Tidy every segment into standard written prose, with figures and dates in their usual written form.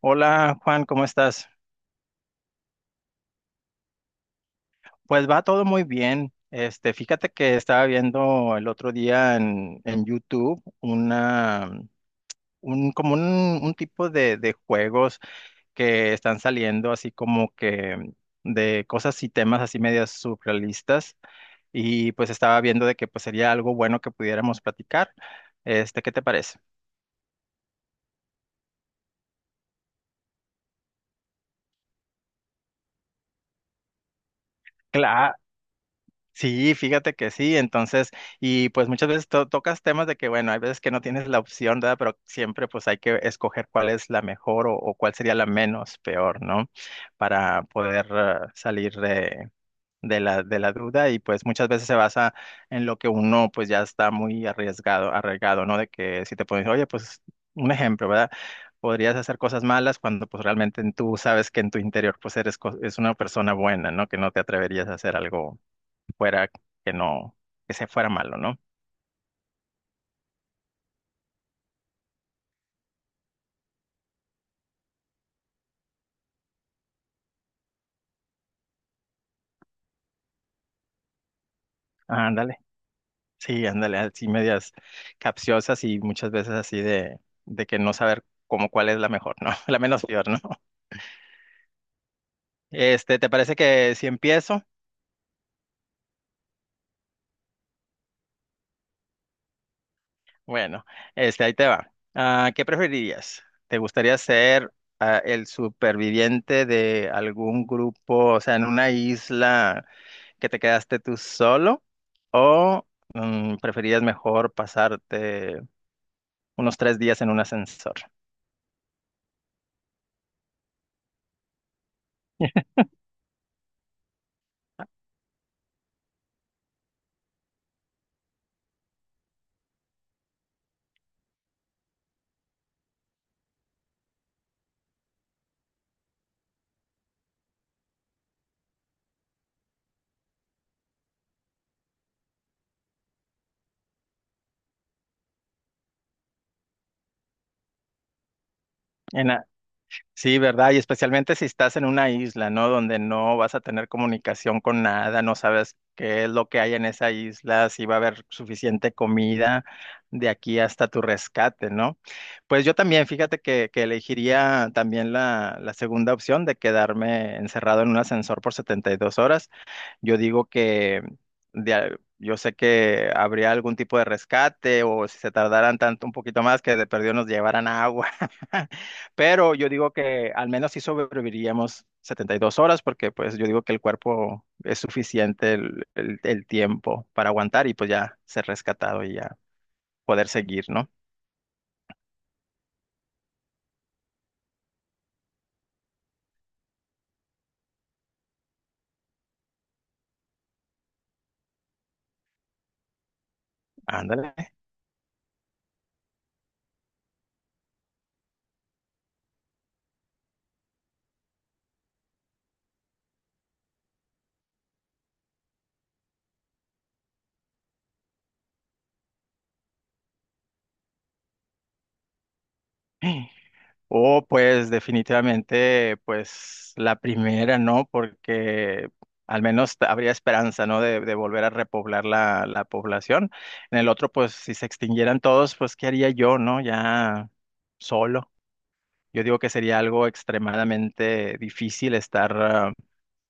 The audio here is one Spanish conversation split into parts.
Hola Juan, ¿cómo estás? Pues va todo muy bien. Este, fíjate que estaba viendo el otro día en YouTube una, un, como un tipo de juegos que están saliendo así como que de cosas y temas así medias surrealistas y pues estaba viendo de que pues sería algo bueno que pudiéramos platicar. Este, ¿qué te parece? Sí, fíjate que sí, entonces, y pues muchas veces tocas temas de que, bueno, hay veces que no tienes la opción, ¿verdad? Pero siempre pues hay que escoger cuál es la mejor o cuál sería la menos peor, ¿no? Para poder salir de, de la duda y pues muchas veces se basa en lo que uno pues ya está muy arriesgado, ¿no? De que si te pones, oye, pues un ejemplo, ¿verdad? Podrías hacer cosas malas cuando pues realmente tú sabes que en tu interior pues eres es una persona buena, ¿no? Que no te atreverías a hacer algo fuera que no, que se fuera malo, ¿no? Ah, ándale, sí, ándale, así medias capciosas y muchas veces así de que no saber cómo cuál es la mejor, ¿no? La menos peor, ¿no? Este, ¿te parece que si empiezo? Bueno, este, ahí te va. Ah, ¿qué preferirías? ¿Te gustaría ser el superviviente de algún grupo, o sea, en una isla que te quedaste tú solo? ¿O preferirías mejor pasarte unos tres días en un ascensor? En la- sí, ¿verdad? Y especialmente si estás en una isla, ¿no? Donde no vas a tener comunicación con nada, no sabes qué es lo que hay en esa isla, si va a haber suficiente comida de aquí hasta tu rescate, ¿no? Pues yo también, fíjate que elegiría también la segunda opción de quedarme encerrado en un ascensor por 72 horas. Yo digo que yo sé que habría algún tipo de rescate o si se tardaran tanto un poquito más que de perdido nos llevaran agua. Pero yo digo que al menos sí sobreviviríamos 72 horas porque pues yo digo que el cuerpo es suficiente el tiempo para aguantar y pues ya ser rescatado y ya poder seguir, ¿no? Ándale. O pues definitivamente pues la primera, ¿no? Porque al menos habría esperanza, ¿no? De volver a repoblar la población. En el otro pues si se extinguieran todos pues ¿qué haría yo, ¿no? Ya solo. Yo digo que sería algo extremadamente difícil estar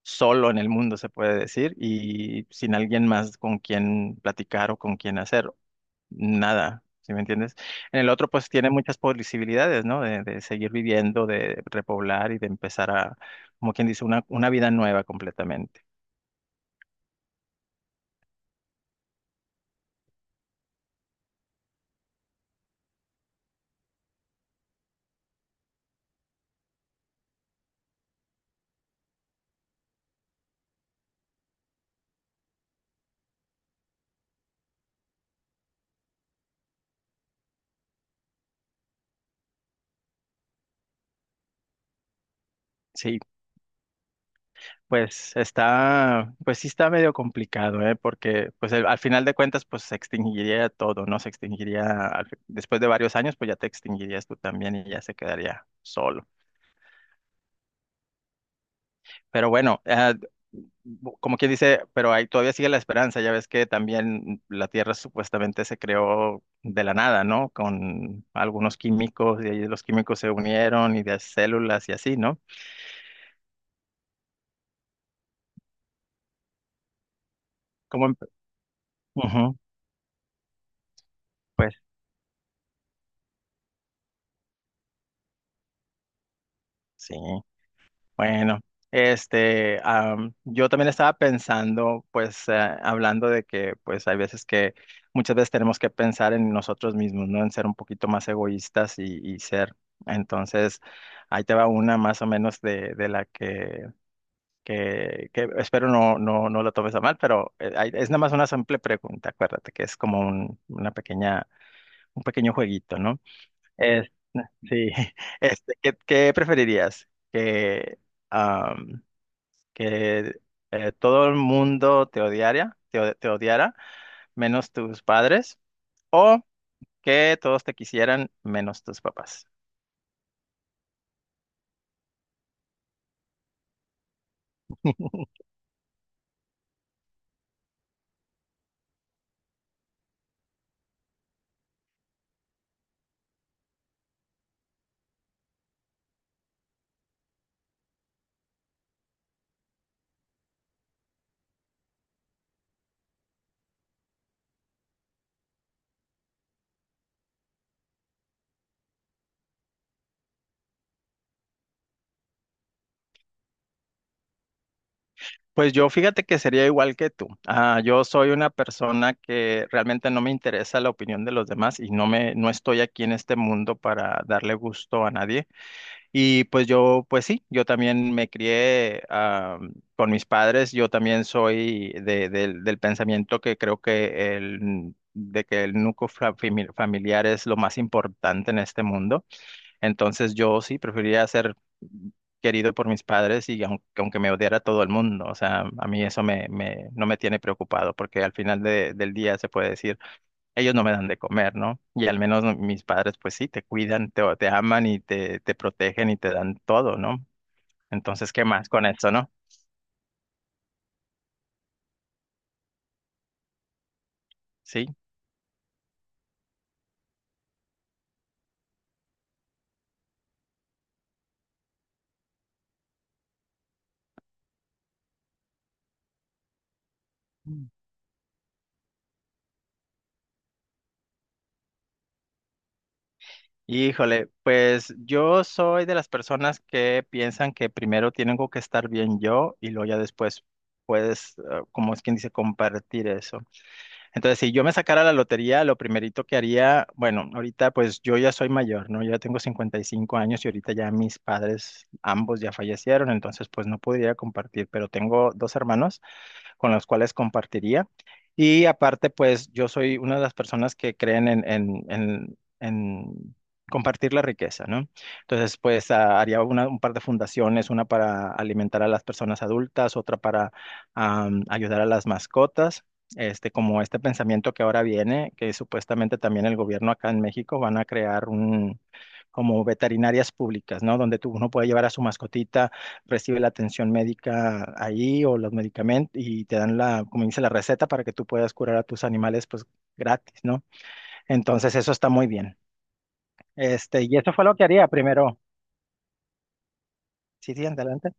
solo en el mundo, se puede decir, y sin alguien más con quien platicar o con quien hacer nada, ¿sí me entiendes? En el otro, pues tiene muchas posibilidades, ¿no? De seguir viviendo, de repoblar y de empezar a, como quien dice, una vida nueva completamente. Sí. Pues está, pues sí está medio complicado, ¿eh? Porque pues al final de cuentas pues se extinguiría todo, ¿no? Se extinguiría, después de varios años pues ya te extinguirías tú también y ya se quedaría solo. Pero bueno, como quien dice, pero ahí todavía sigue la esperanza, ya ves que también la Tierra supuestamente se creó de la nada, ¿no? Con algunos químicos y ahí los químicos se unieron y de células y así, ¿no? Como, en- Ujú, pues sí. Bueno, este, yo también estaba pensando, pues, hablando de que, pues, hay veces que, muchas veces tenemos que pensar en nosotros mismos, ¿no? En ser un poquito más egoístas y ser. Entonces, ahí te va una más o menos de la que, que espero no, no, no lo tomes a mal, pero ahí- es nada más una simple pregunta, acuérdate que es como un, una pequeña, un pequeño jueguito, ¿no? Es- sí, este, ¿qué, qué preferirías? Que, am, que todo el mundo te odiara, te odiara, menos tus padres, o que todos te quisieran, menos tus papás. Pues yo fíjate que sería igual que tú. Ah, yo soy una persona que realmente no me interesa la opinión de los demás y no no estoy aquí en este mundo para darle gusto a nadie. Y pues yo, pues sí, yo también me crié con mis padres, yo también soy del del pensamiento que creo que el, de que el núcleo familiar es lo más importante en este mundo. Entonces yo sí preferiría ser querido por mis padres aunque me odiara todo el mundo, o sea, a mí eso no me tiene preocupado porque al final del día se puede decir ellos no me dan de comer, ¿no? Y al menos mis padres, pues sí, te cuidan, te aman y te protegen y te dan todo, ¿no? Entonces, ¿qué más con eso, no? Sí. Mm. Híjole, pues yo soy de las personas que piensan que primero tengo que estar bien yo y luego ya después puedes, como es quien dice, compartir eso. Entonces, si yo me sacara la lotería, lo primerito que haría, bueno, ahorita pues yo ya soy mayor, ¿no? Yo ya tengo 55 años y ahorita ya mis padres, ambos ya fallecieron, entonces pues no podría compartir, pero tengo dos hermanos con los cuales compartiría. Y aparte, pues yo soy una de las personas que creen en compartir la riqueza, ¿no? Entonces, pues haría un par de fundaciones, una para alimentar a las personas adultas, otra para ayudar a las mascotas. Este, como este pensamiento que ahora viene, que supuestamente también el gobierno acá en México van a crear un, como veterinarias públicas, ¿no? Donde tú, uno puede llevar a su mascotita, recibe la atención médica ahí o los medicamentos y te dan la, como dice, la receta para que tú puedas curar a tus animales pues gratis, ¿no? Entonces eso está muy bien. Este, y eso fue lo que haría primero. Sí, sí, adelante.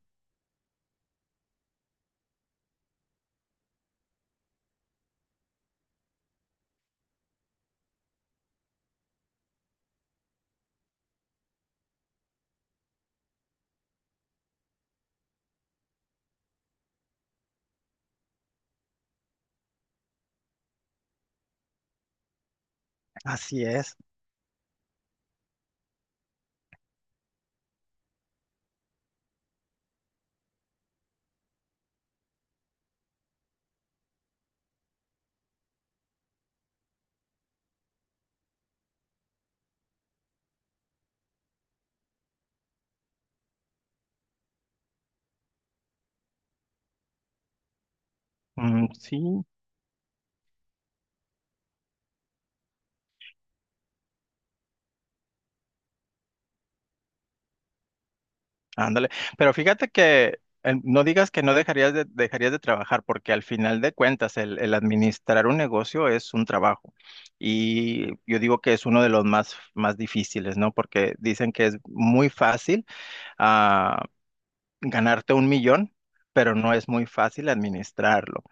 Así es. Mm, sí, ándale. Pero fíjate que no digas que no dejarías de, dejarías de trabajar, porque al final de cuentas el administrar un negocio es un trabajo. Y yo digo que es uno de los más, más difíciles, ¿no? Porque dicen que es muy fácil ah, ganarte 1 millón, pero no es muy fácil administrarlo.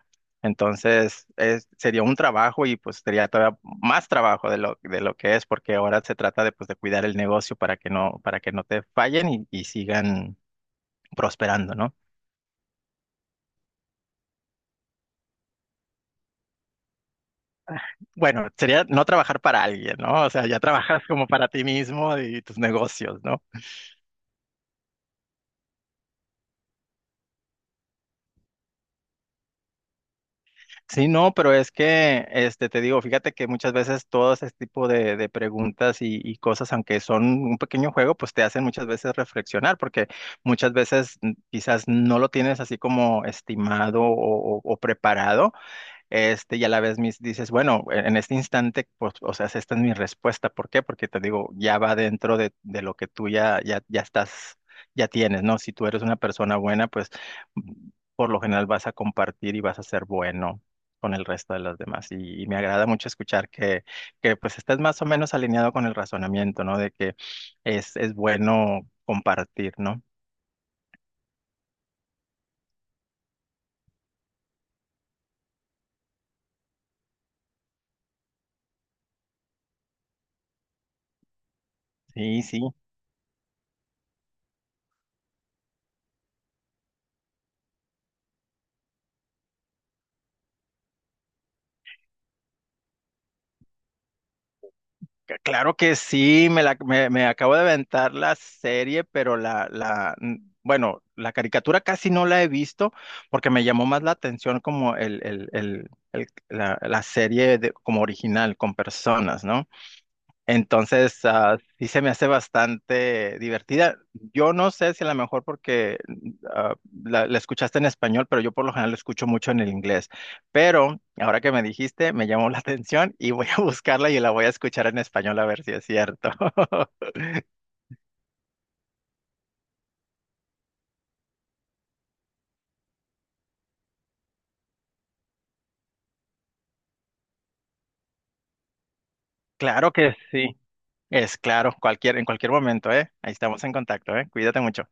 Entonces, es, sería un trabajo y pues sería todavía más trabajo de lo que es, porque ahora se trata de, pues, de cuidar el negocio para que no te fallen y sigan prosperando, ¿no? Bueno, sería no trabajar para alguien, ¿no? O sea, ya trabajas como para ti mismo y tus negocios, ¿no? Sí, no, pero es que, este, te digo, fíjate que muchas veces todo ese tipo de preguntas y cosas, aunque son un pequeño juego, pues te hacen muchas veces reflexionar, porque muchas veces quizás no lo tienes así como estimado o o preparado, este, y a la vez mis, dices, bueno, en este instante, pues, o sea, esta es mi respuesta. ¿Por qué? Porque te digo, ya va dentro de lo que tú ya estás, ya tienes, ¿no? Si tú eres una persona buena, pues mm, por lo general vas a compartir y vas a ser bueno con el resto de las demás. Y me agrada mucho escuchar que pues estés más o menos alineado con el razonamiento, ¿no? De que es bueno compartir, ¿no? Sí, sí. Claro que sí, me acabo de aventar la serie, pero bueno, la caricatura casi no la he visto porque me llamó más la atención como la serie como original, con personas, ¿no? Entonces, ah, sí se me hace bastante divertida. Yo no sé si a lo mejor porque ah, la escuchaste en español, pero yo por lo general lo escucho mucho en el inglés. Pero ahora que me dijiste, me llamó la atención y voy a buscarla y la voy a escuchar en español a ver si es cierto. Claro que sí. Es claro, cualquier, en cualquier momento, ¿eh? Ahí estamos en contacto, ¿eh? Cuídate mucho.